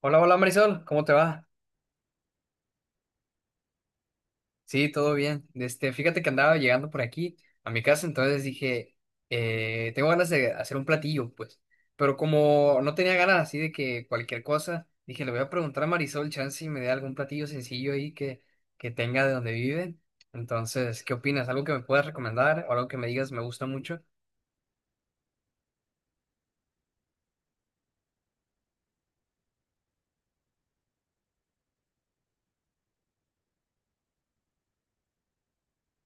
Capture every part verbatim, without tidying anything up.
Hola, hola Marisol, ¿cómo te va? Sí, todo bien. Este, fíjate que andaba llegando por aquí a mi casa, entonces dije, eh, tengo ganas de hacer un platillo, pues. Pero como no tenía ganas así de que cualquier cosa, dije, le voy a preguntar a Marisol, chance si me dé algún platillo sencillo ahí que, que tenga de donde viven. Entonces, ¿qué opinas? ¿Algo que me puedas recomendar o algo que me digas me gusta mucho?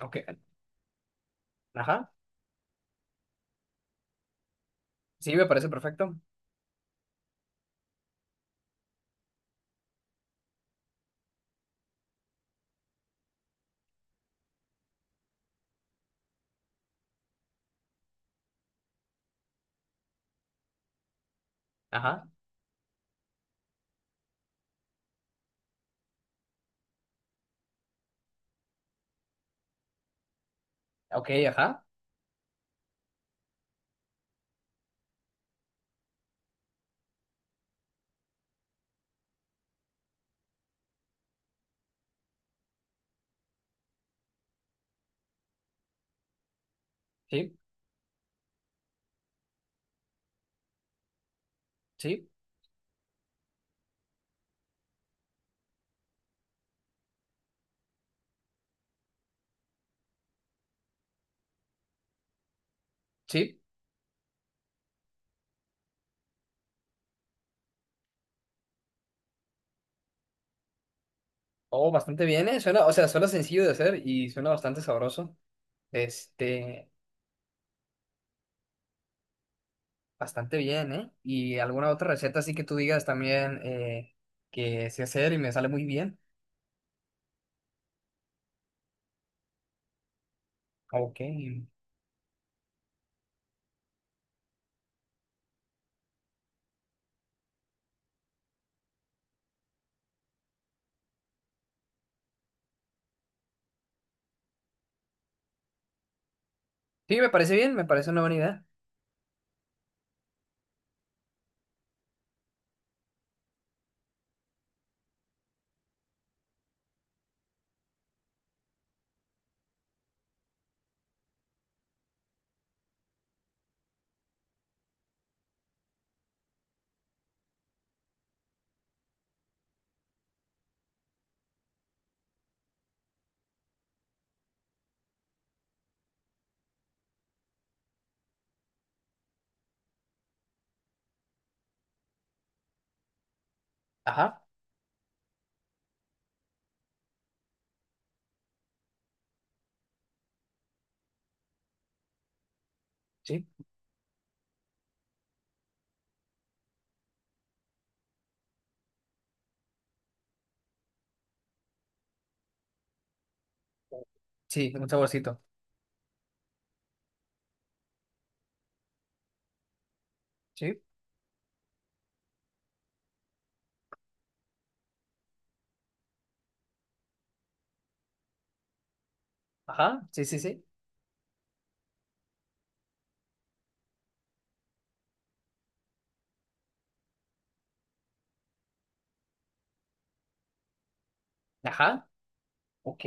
Ok, ajá, sí, me parece perfecto. Ajá, ok, ajá, sí, sí, sí. Oh, bastante bien, ¿eh? Suena, o sea, suena sencillo de hacer y suena bastante sabroso. Este, Bastante bien, ¿eh? ¿Y alguna otra receta así que tú digas también eh, que sé hacer y me sale muy bien? Ok. Sí, me parece bien, me parece una buena idea. Ajá, sí. Sí, un saborcito. Sí. Ajá, sí, sí, sí. Ajá, ok.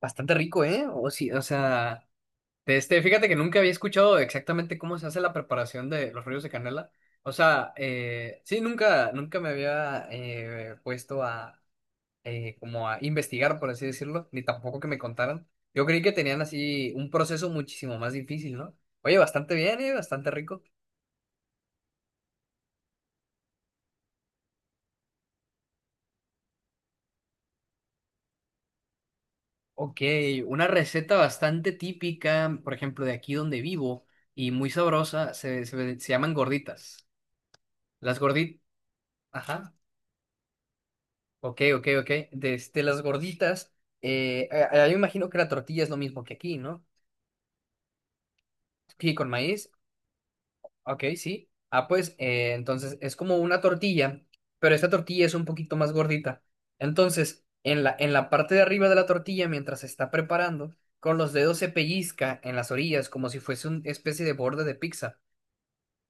Bastante rico, ¿eh? O sí, o sea. De este, fíjate que nunca había escuchado exactamente cómo se hace la preparación de los rollos de canela. O sea, eh, sí, nunca, nunca me había eh, puesto a eh, como a investigar, por así decirlo, ni tampoco que me contaran. Yo creí que tenían así un proceso muchísimo más difícil, ¿no? Oye, bastante bien, eh, bastante rico. Ok, una receta bastante típica, por ejemplo, de aquí donde vivo y muy sabrosa, se, se, se llaman gorditas. Las gorditas, ajá. Ok, ok, ok. Desde las gorditas, eh, a- a- yo imagino que la tortilla es lo mismo que aquí, ¿no? Aquí con maíz, ok, sí. Ah, pues, eh, entonces es como una tortilla, pero esta tortilla es un poquito más gordita. Entonces, en la, en la parte de arriba de la tortilla, mientras se está preparando, con los dedos se pellizca en las orillas como si fuese una especie de borde de pizza.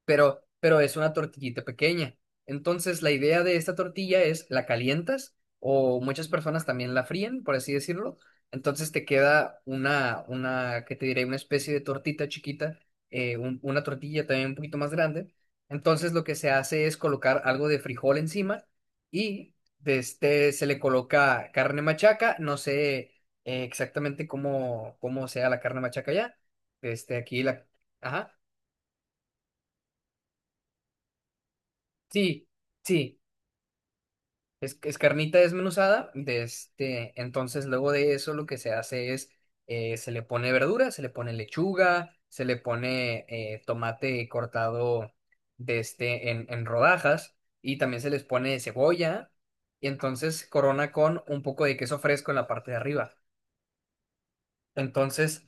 pero, Pero es una tortillita pequeña. Entonces, la idea de esta tortilla es la calientas o muchas personas también la fríen, por así decirlo. Entonces te queda una, una, ¿qué te diré? Una especie de tortita chiquita, eh, un- una tortilla también un poquito más grande. Entonces lo que se hace es colocar algo de frijol encima y de este, se le coloca carne machaca. No sé eh, exactamente cómo, cómo sea la carne machaca ya. Este, aquí la... Ajá. Sí, sí. Es, es carnita desmenuzada, de este, entonces luego de eso lo que se hace es, eh, se le pone verdura, se le pone lechuga, se le pone eh, tomate cortado de este, en, en rodajas y también se les pone cebolla y entonces corona con un poco de queso fresco en la parte de arriba. Entonces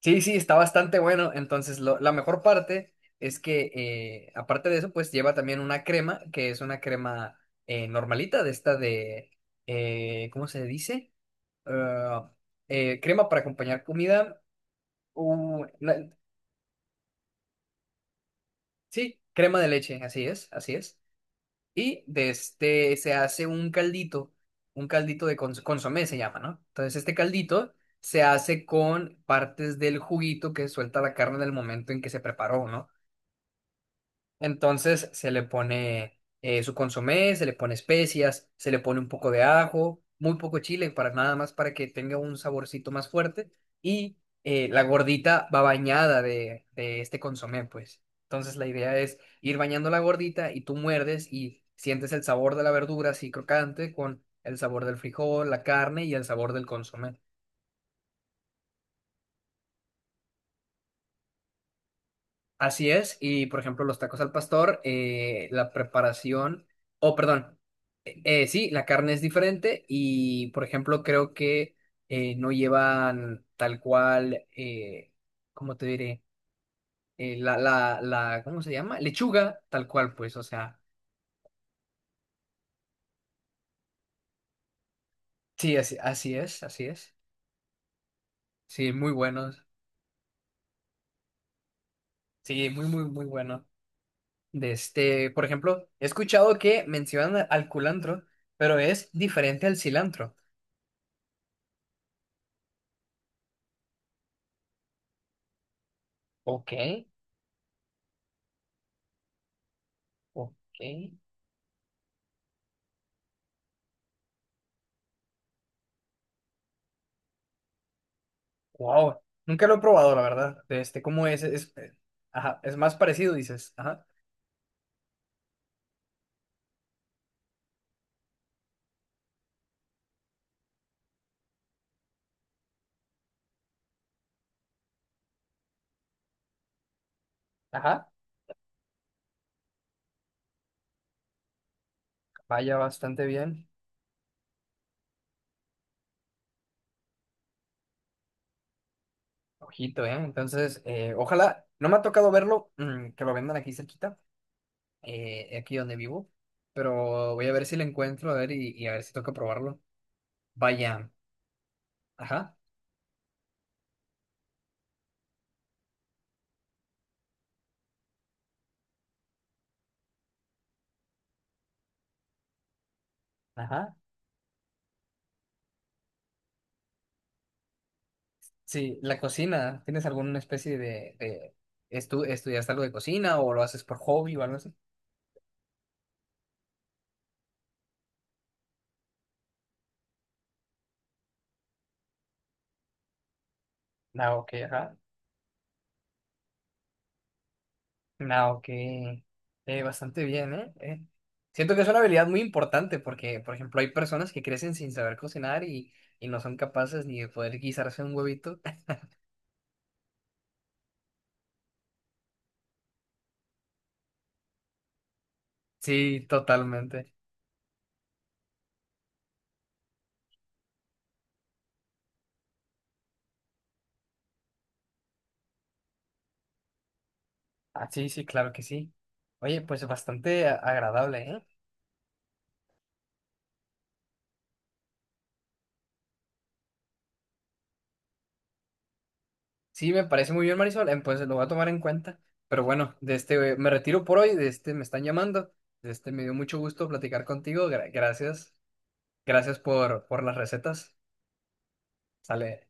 sí, sí, está bastante bueno. Entonces, lo- la mejor parte es que, eh, aparte de eso, pues lleva también una crema, que es una crema eh, normalita, de esta de, eh, ¿cómo se dice? Ah, eh, crema para acompañar comida. u- la- sí, crema de leche, así es, así es. Y de este se hace un caldito, un caldito de cons- consomé se llama, ¿no? Entonces, este caldito se hace con partes del juguito que suelta la carne en el momento en que se preparó, ¿no? Entonces se le pone eh, su consomé, se le pone especias, se le pone un poco de ajo, muy poco chile, para nada más para que tenga un saborcito más fuerte. Y eh, la gordita va bañada de, de este consomé, pues. Entonces la idea es ir bañando la gordita y tú muerdes y sientes el sabor de la verdura así crocante con el sabor del frijol, la carne y el sabor del consomé. Así es, y por ejemplo, los tacos al pastor, eh, la preparación, o perdón, eh, eh, sí, la carne es diferente y por ejemplo, creo que eh, no llevan tal cual, eh, ¿cómo te diré? Eh, la, la, la, ¿cómo se llama? Lechuga, tal cual, pues, o sea, sí, así, así es, así es. Sí, muy buenos, sí, muy, muy, muy bueno. De este, por ejemplo, he escuchado que mencionan al culantro, pero es diferente al cilantro. Ok. Ok. Wow. Nunca lo he probado, la verdad. De este, ¿cómo es? Es, eh, ajá, es más parecido, dices. Ajá. Ajá. Vaya bastante bien. Ojito, ¿eh? Entonces, eh, ojalá. No me ha tocado verlo, mm, que lo vendan aquí cerquita, eh, eh, aquí donde vivo. Pero voy a ver si lo encuentro, a ver, y, y a ver si toca probarlo. Vaya. Ajá. Ajá. Sí, la cocina. ¿Tienes alguna especie de, de estu- estudiaste algo de cocina o lo haces por hobby o algo así? Ah, ok, ajá. Ah, ok. Eh, bastante bien, ¿eh? Eh, Siento que es una habilidad muy importante porque, por ejemplo, hay personas que crecen sin saber cocinar y, y no son capaces ni de poder guisarse un huevito. Sí, totalmente. Ah, sí, sí, claro que sí. Oye, pues bastante a- agradable, ¿eh? Sí, me parece muy bien, Marisol. eh, Pues lo voy a tomar en cuenta. Pero bueno, de este eh, me retiro por hoy, de este me están llamando. De este me dio mucho gusto platicar contigo. Gra- gracias. Gracias por, por las recetas. Sale,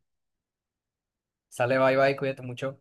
sale, bye bye, cuídate mucho.